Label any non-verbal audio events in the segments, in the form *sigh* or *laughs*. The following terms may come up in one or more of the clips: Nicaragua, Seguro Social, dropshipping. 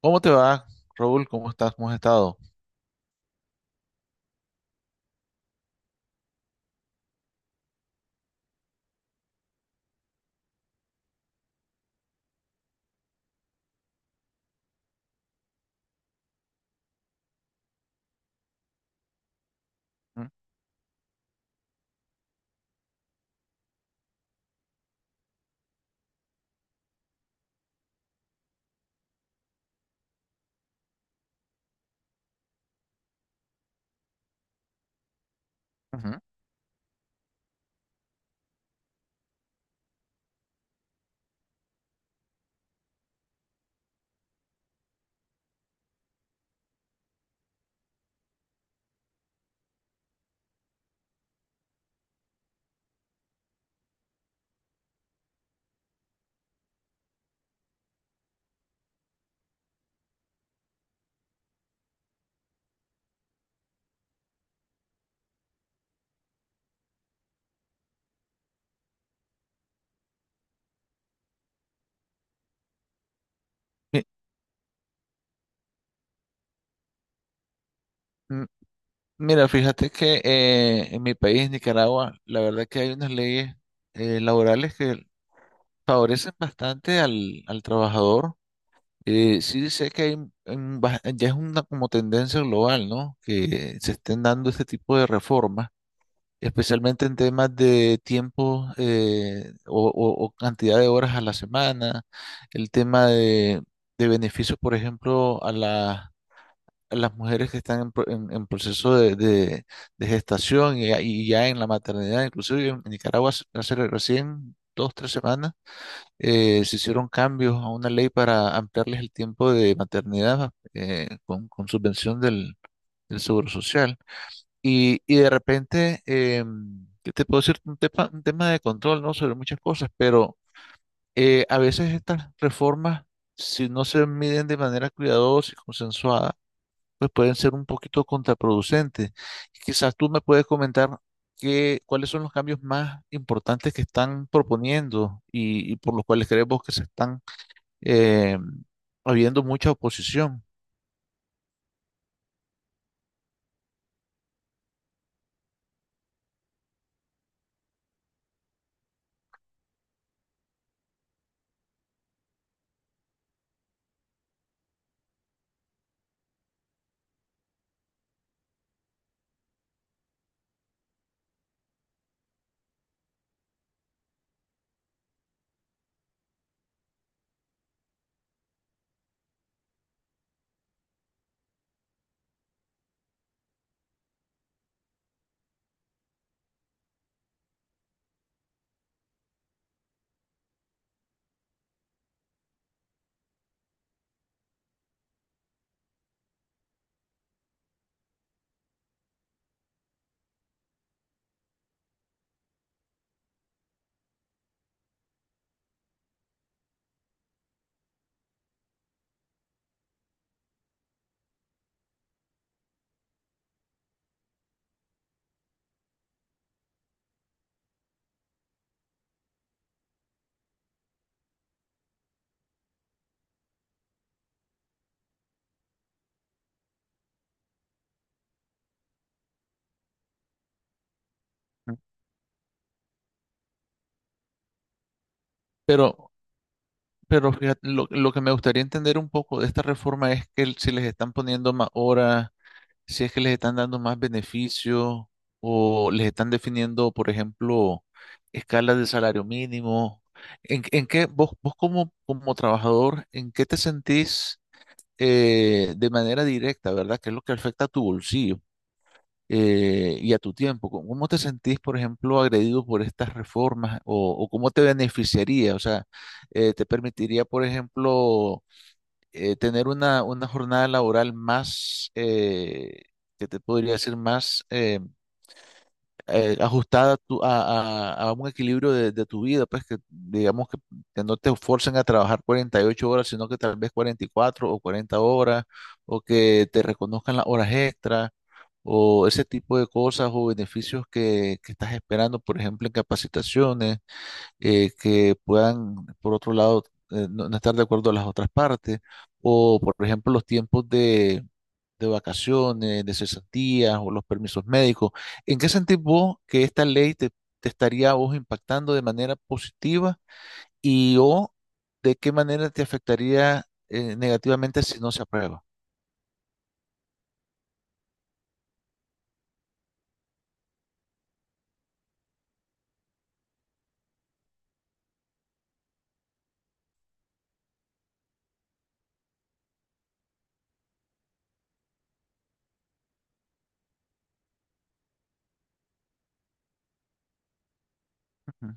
¿Cómo te va, Raúl? ¿Cómo estás? ¿Cómo has estado? Mm, ujú. Mi- mm, Mira, fíjate que en mi país, Nicaragua, la verdad que hay unas leyes laborales que favorecen bastante al trabajador. Sí sé que hay, ya es una como tendencia global, ¿no? Que se estén dando este tipo de reformas, especialmente en temas de tiempo, o cantidad de horas a la semana, el tema de beneficios, por ejemplo, a las mujeres que están en proceso de gestación y ya en la maternidad. Inclusive en Nicaragua hace recién 2, 3 semanas, se hicieron cambios a una ley para ampliarles el tiempo de maternidad, con subvención del Seguro Social. Y de repente, ¿qué te puedo decir? Un tema de control, ¿no? Sobre muchas cosas, pero, a veces estas reformas, si no se miden de manera cuidadosa y consensuada, pues pueden ser un poquito contraproducentes. Quizás tú me puedes comentar qué, cuáles son los cambios más importantes que están proponiendo y por los cuales creemos que se están eh, habiendo mucha oposición. Pero, pero fíjate, lo que me gustaría entender un poco de esta reforma es que si les están poniendo más horas, si es que les están dando más beneficios, o les están definiendo, por ejemplo, escalas de salario mínimo. ¿En qué vos, vos como, como trabajador, en qué te sentís, de manera directa, ¿verdad? ¿Qué es lo que afecta a tu bolsillo, y a tu tiempo? ¿Cómo te sentís, por ejemplo, agredido por estas reformas, o cómo te beneficiaría? O sea, ¿te permitiría, por ejemplo, tener una jornada laboral más, que te podría decir, más, ajustada a un equilibrio de tu vida, pues que digamos que no te forcen a trabajar 48 horas, sino que tal vez 44 o 40 horas, o que te reconozcan las horas extras, o ese tipo de cosas o beneficios que estás esperando, por ejemplo, en capacitaciones, que puedan, por otro lado, no estar de acuerdo a las otras partes, o por ejemplo los tiempos de vacaciones, de cesantías o los permisos médicos? ¿En qué sentís vos que esta ley te estaría a vos impactando de manera positiva y o de qué manera te afectaría negativamente si no se aprueba? Ujú.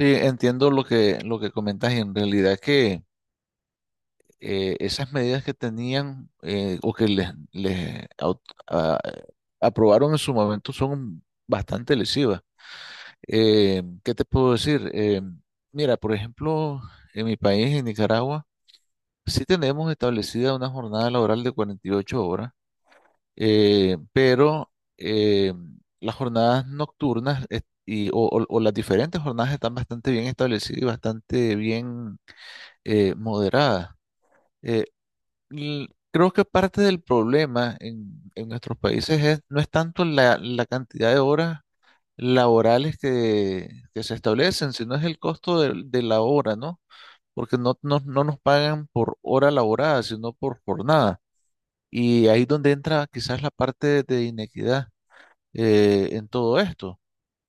Sí, entiendo lo que comentas, y en realidad que esas medidas que tenían, o que les a- aprobaron en su momento son bastante lesivas. ¿Qué te puedo decir? Mira, por ejemplo, en mi país, en Nicaragua, sí tenemos establecida una jornada laboral de 48 horas, pero, eh, las jornadas nocturnas, o las diferentes jornadas están bastante bien establecidas y bastante bien, moderadas. Eh, creo que parte del problema en nuestros países no es tanto la cantidad de horas laborales que se establecen, sino es el costo de la hora, ¿no? Porque no nos pagan por hora laborada, sino por jornada. Y ahí donde entra quizás la parte de inequidad, en todo esto.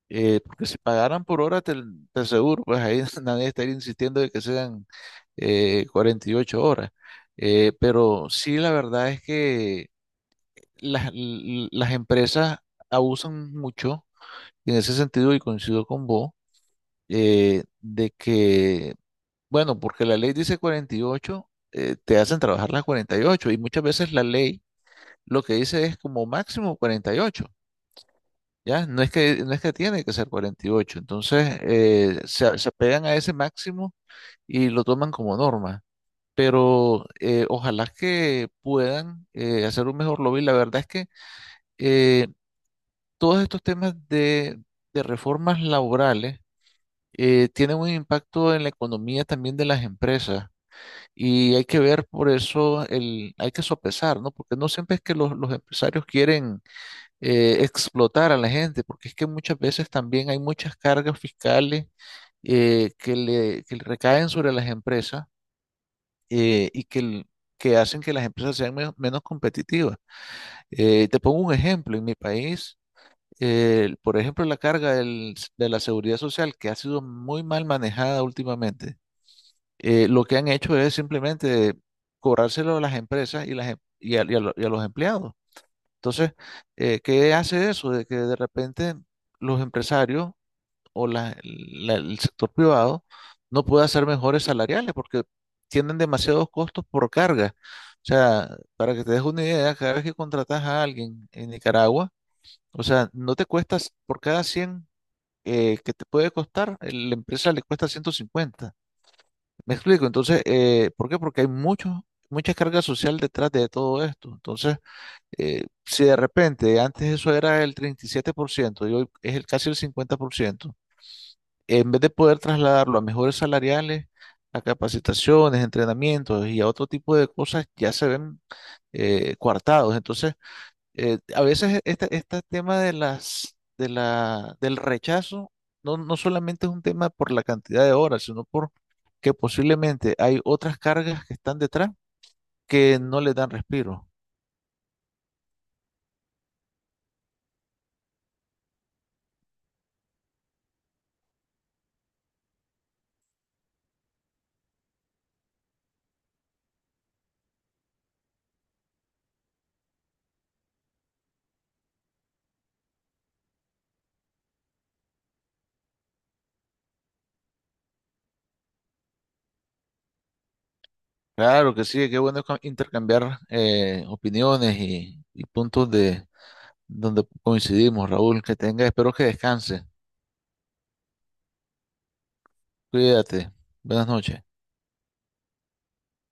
Porque si pagaran por hora, te aseguro, pues ahí *laughs* nadie estaría insistiendo de que sean, 48 horas. Pero sí, la verdad es que las empresas abusan mucho en ese sentido, y coincido con vos, de que, bueno, porque la ley dice 48, te hacen trabajar las 48 y ocho, y muchas veces la ley lo que dice es como máximo 48. Ya, no es que tiene que ser 48. Entonces, se apegan a ese máximo y lo toman como norma. Pero, ojalá que puedan, hacer un mejor lobby. La verdad es que, eh, todos estos temas de reformas laborales, tienen un impacto en la economía también de las empresas. Y hay que ver por eso, hay que sopesar, ¿no? Porque no siempre es que los empresarios quieren explotar a la gente, porque es que muchas veces también hay muchas cargas fiscales que le recaen sobre las empresas, y que que hacen que las empresas sean menos competitivas. Te pongo un ejemplo, en mi país, por ejemplo, la carga de la seguridad social, que ha sido muy mal manejada últimamente, lo que han hecho es simplemente cobrárselo a las empresas y, las, em- y a lo- y a los empleados. Entonces, ¿qué hace eso? De que de repente los empresarios, o el sector privado, no puede hacer mejores salariales porque tienen demasiados costos por carga. O sea, para que te des una idea, cada vez que contratas a alguien en Nicaragua, o sea, no te cuestas por cada 100, que te puede costar, la empresa le cuesta 150. Me explico. Entonces, ¿por qué? Porque hay mucho, mucha carga social detrás de todo esto. Entonces, si de repente antes eso era el 37% y hoy es casi el 50%, en vez de poder trasladarlo a mejores salariales, a capacitaciones, entrenamientos y a otro tipo de cosas, ya se ven, coartados. Entonces, a veces este, este tema de las, de la, del rechazo, no solamente es un tema por la cantidad de horas, sino por que posiblemente hay otras cargas que están detrás, que no le dan respiro. Claro que sí, qué bueno intercambiar, opiniones y puntos de donde coincidimos, Raúl. Que tenga, espero que descanse. Cuídate. Buenas noches.